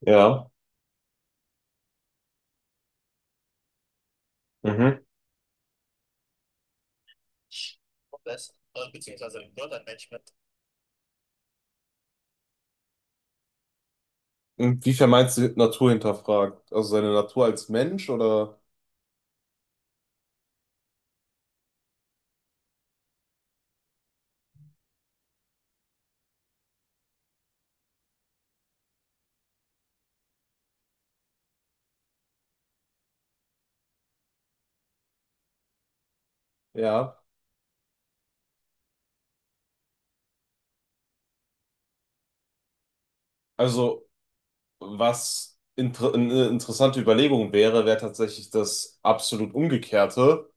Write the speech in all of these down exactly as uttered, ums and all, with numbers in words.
Ja. Mhm. Das ist Urban Urban Management. Inwiefern meinst du Natur hinterfragt? Also seine Natur als Mensch oder ja? Also was inter eine interessante Überlegung wäre, wäre tatsächlich das absolut Umgekehrte.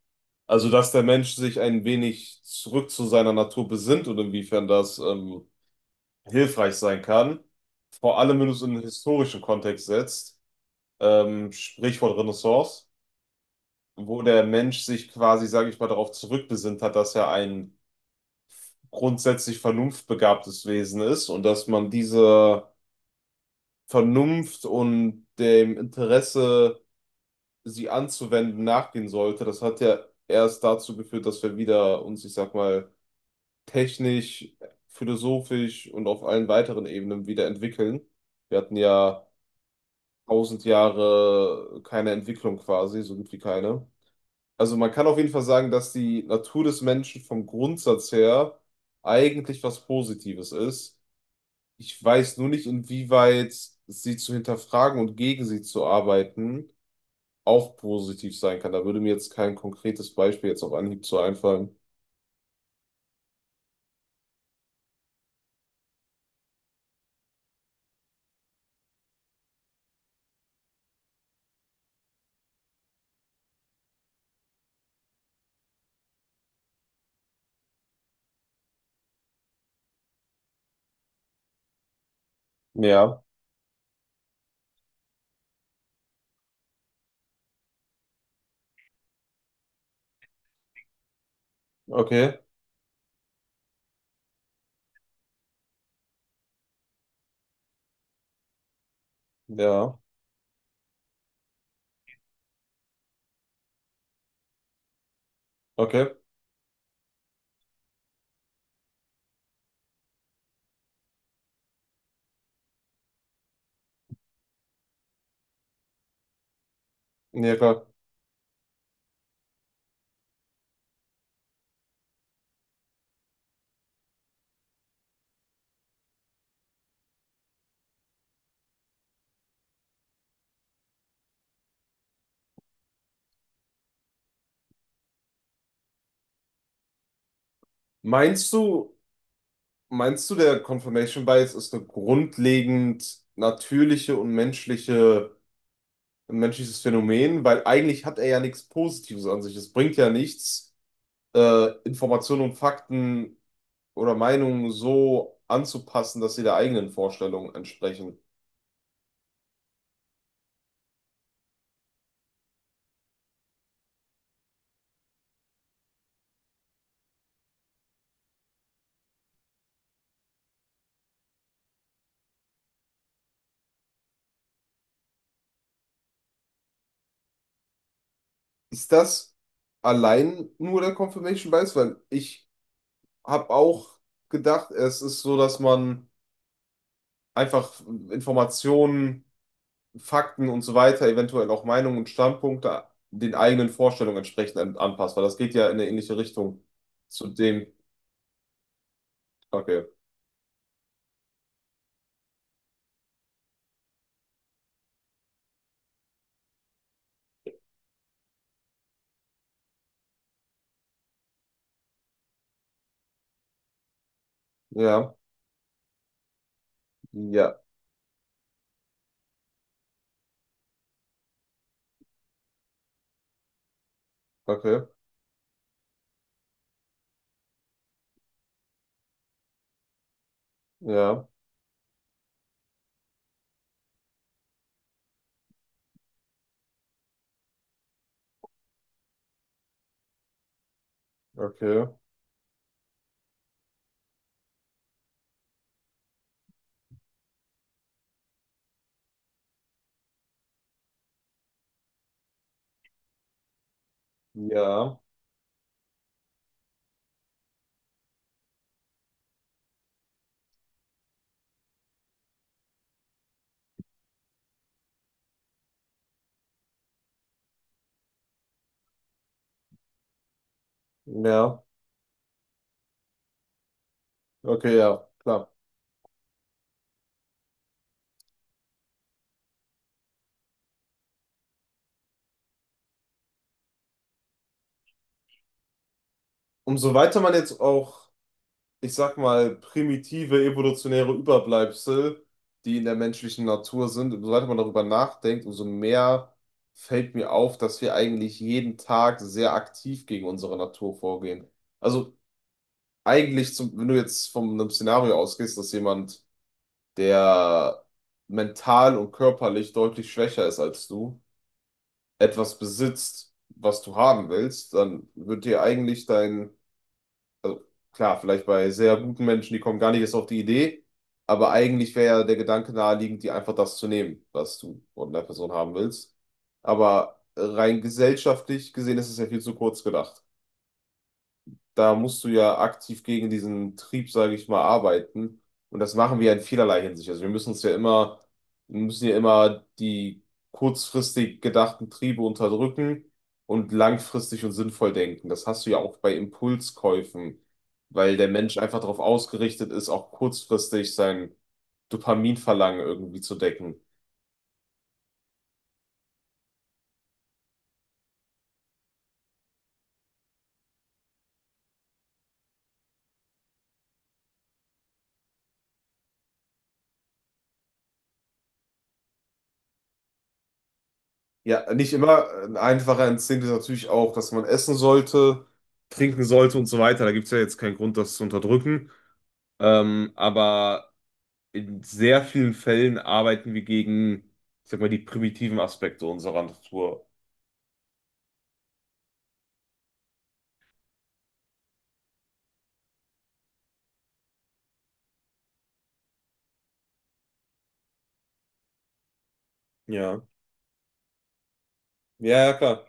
Also dass der Mensch sich ein wenig zurück zu seiner Natur besinnt und inwiefern das ähm, hilfreich sein kann. Vor allem, wenn du es in einen historischen Kontext setzt, ähm, Sprichwort Renaissance, wo der Mensch sich quasi, sage ich mal, darauf zurückbesinnt hat, dass er ein grundsätzlich vernunftbegabtes Wesen ist und dass man diese Vernunft und dem Interesse, sie anzuwenden, nachgehen sollte. Das hat ja erst dazu geführt, dass wir wieder uns, ich sag mal, technisch, philosophisch und auf allen weiteren Ebenen wieder entwickeln. Wir hatten ja tausend Jahre keine Entwicklung quasi, so gut wie keine. Also man kann auf jeden Fall sagen, dass die Natur des Menschen vom Grundsatz her eigentlich was Positives ist. Ich weiß nur nicht, inwieweit sie zu hinterfragen und gegen sie zu arbeiten auch positiv sein kann. Da würde mir jetzt kein konkretes Beispiel jetzt auf Anhieb zu einfallen. Ja, okay, ja, okay, ja klar. Meinst du, meinst du, der Confirmation Bias ist eine grundlegend natürliche und menschliche, ein menschliches Phänomen? Weil eigentlich hat er ja nichts Positives an sich. Es bringt ja nichts, äh, Informationen und Fakten oder Meinungen so anzupassen, dass sie der eigenen Vorstellung entsprechen. Ist das allein nur der Confirmation Bias? Weil ich habe auch gedacht, es ist so, dass man einfach Informationen, Fakten und so weiter, eventuell auch Meinungen und Standpunkte den eigenen Vorstellungen entsprechend an- anpasst, weil das geht ja in eine ähnliche Richtung zu dem. Okay. Ja. Ja. Okay. Ja. Okay. Ja. Ja. Okay, ja. Klar. Umso weiter man jetzt auch, ich sag mal, primitive evolutionäre Überbleibsel, die in der menschlichen Natur sind, umso weiter man darüber nachdenkt, umso mehr fällt mir auf, dass wir eigentlich jeden Tag sehr aktiv gegen unsere Natur vorgehen. Also eigentlich, zum, wenn du jetzt von einem Szenario ausgehst, dass jemand, der mental und körperlich deutlich schwächer ist als du, etwas besitzt, was du haben willst, dann wird dir eigentlich dein Klar, vielleicht bei sehr guten Menschen, die kommen gar nicht erst auf die Idee, aber eigentlich wäre ja der Gedanke naheliegend, dir einfach das zu nehmen, was du von der Person haben willst. Aber rein gesellschaftlich gesehen ist es ja viel zu kurz gedacht, da musst du ja aktiv gegen diesen Trieb, sage ich mal, arbeiten. Und das machen wir ja in vielerlei Hinsicht. Also wir müssen uns ja immer, wir müssen ja immer die kurzfristig gedachten Triebe unterdrücken und langfristig und sinnvoll denken. Das hast du ja auch bei Impulskäufen, weil der Mensch einfach darauf ausgerichtet ist, auch kurzfristig sein Dopaminverlangen irgendwie zu decken. Ja, nicht immer. Ein einfacher Instinkt ist natürlich auch, dass man essen sollte, trinken sollte und so weiter. Da gibt es ja jetzt keinen Grund, das zu unterdrücken. Ähm, aber in sehr vielen Fällen arbeiten wir gegen, ich sag mal, die primitiven Aspekte unserer Natur. Ja. Ja, ja, klar.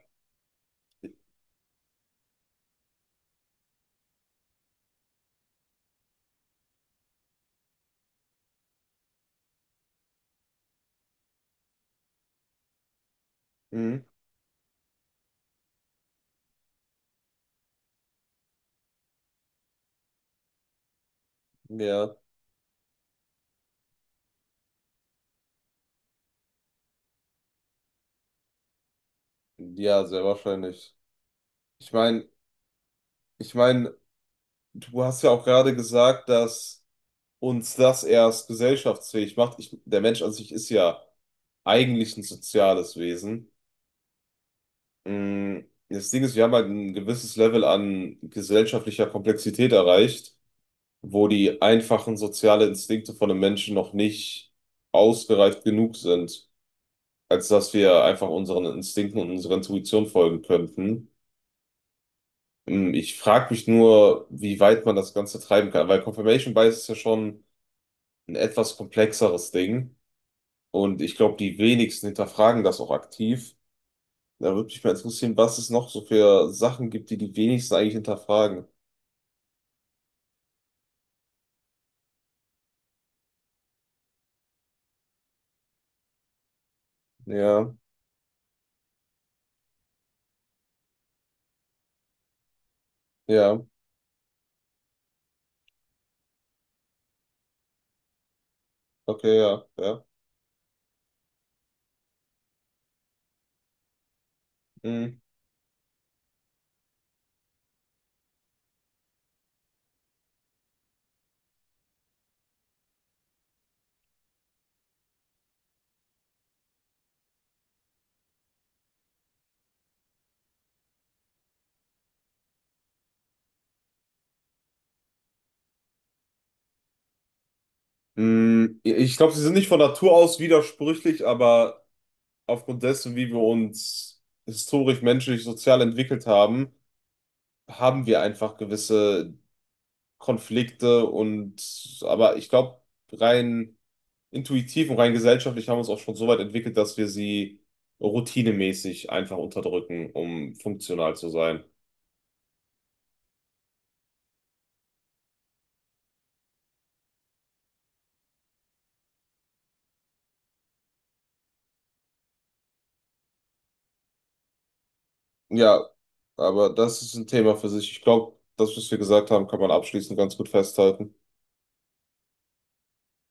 Mhm. Ja. Ja, sehr wahrscheinlich. Ich meine, ich meine, du hast ja auch gerade gesagt, dass uns das erst gesellschaftsfähig macht. Ich, der Mensch an sich ist ja eigentlich ein soziales Wesen. Mhm. Das Ding ist, wir haben halt ein gewisses Level an gesellschaftlicher Komplexität erreicht, wo die einfachen sozialen Instinkte von einem Menschen noch nicht ausgereift genug sind, als dass wir einfach unseren Instinkten und unserer Intuition folgen könnten. Hm. Ich frage mich nur, wie weit man das Ganze treiben kann, weil Confirmation Bias ist ja schon ein etwas komplexeres Ding und ich glaube, die wenigsten hinterfragen das auch aktiv. Da würde mich mal interessieren, was es noch so für Sachen gibt, die die wenigsten eigentlich hinterfragen. Ja, ja, okay, ja, ja. Hm. Mm. Ich glaube, sie sind nicht von Natur aus widersprüchlich, aber aufgrund dessen, wie wir uns historisch, menschlich, sozial entwickelt haben, haben wir einfach gewisse Konflikte und, aber ich glaube, rein intuitiv und rein gesellschaftlich haben wir uns auch schon so weit entwickelt, dass wir sie routinemäßig einfach unterdrücken, um funktional zu sein. Ja, aber das ist ein Thema für sich. Ich glaube, das, was wir gesagt haben, kann man abschließend ganz gut festhalten.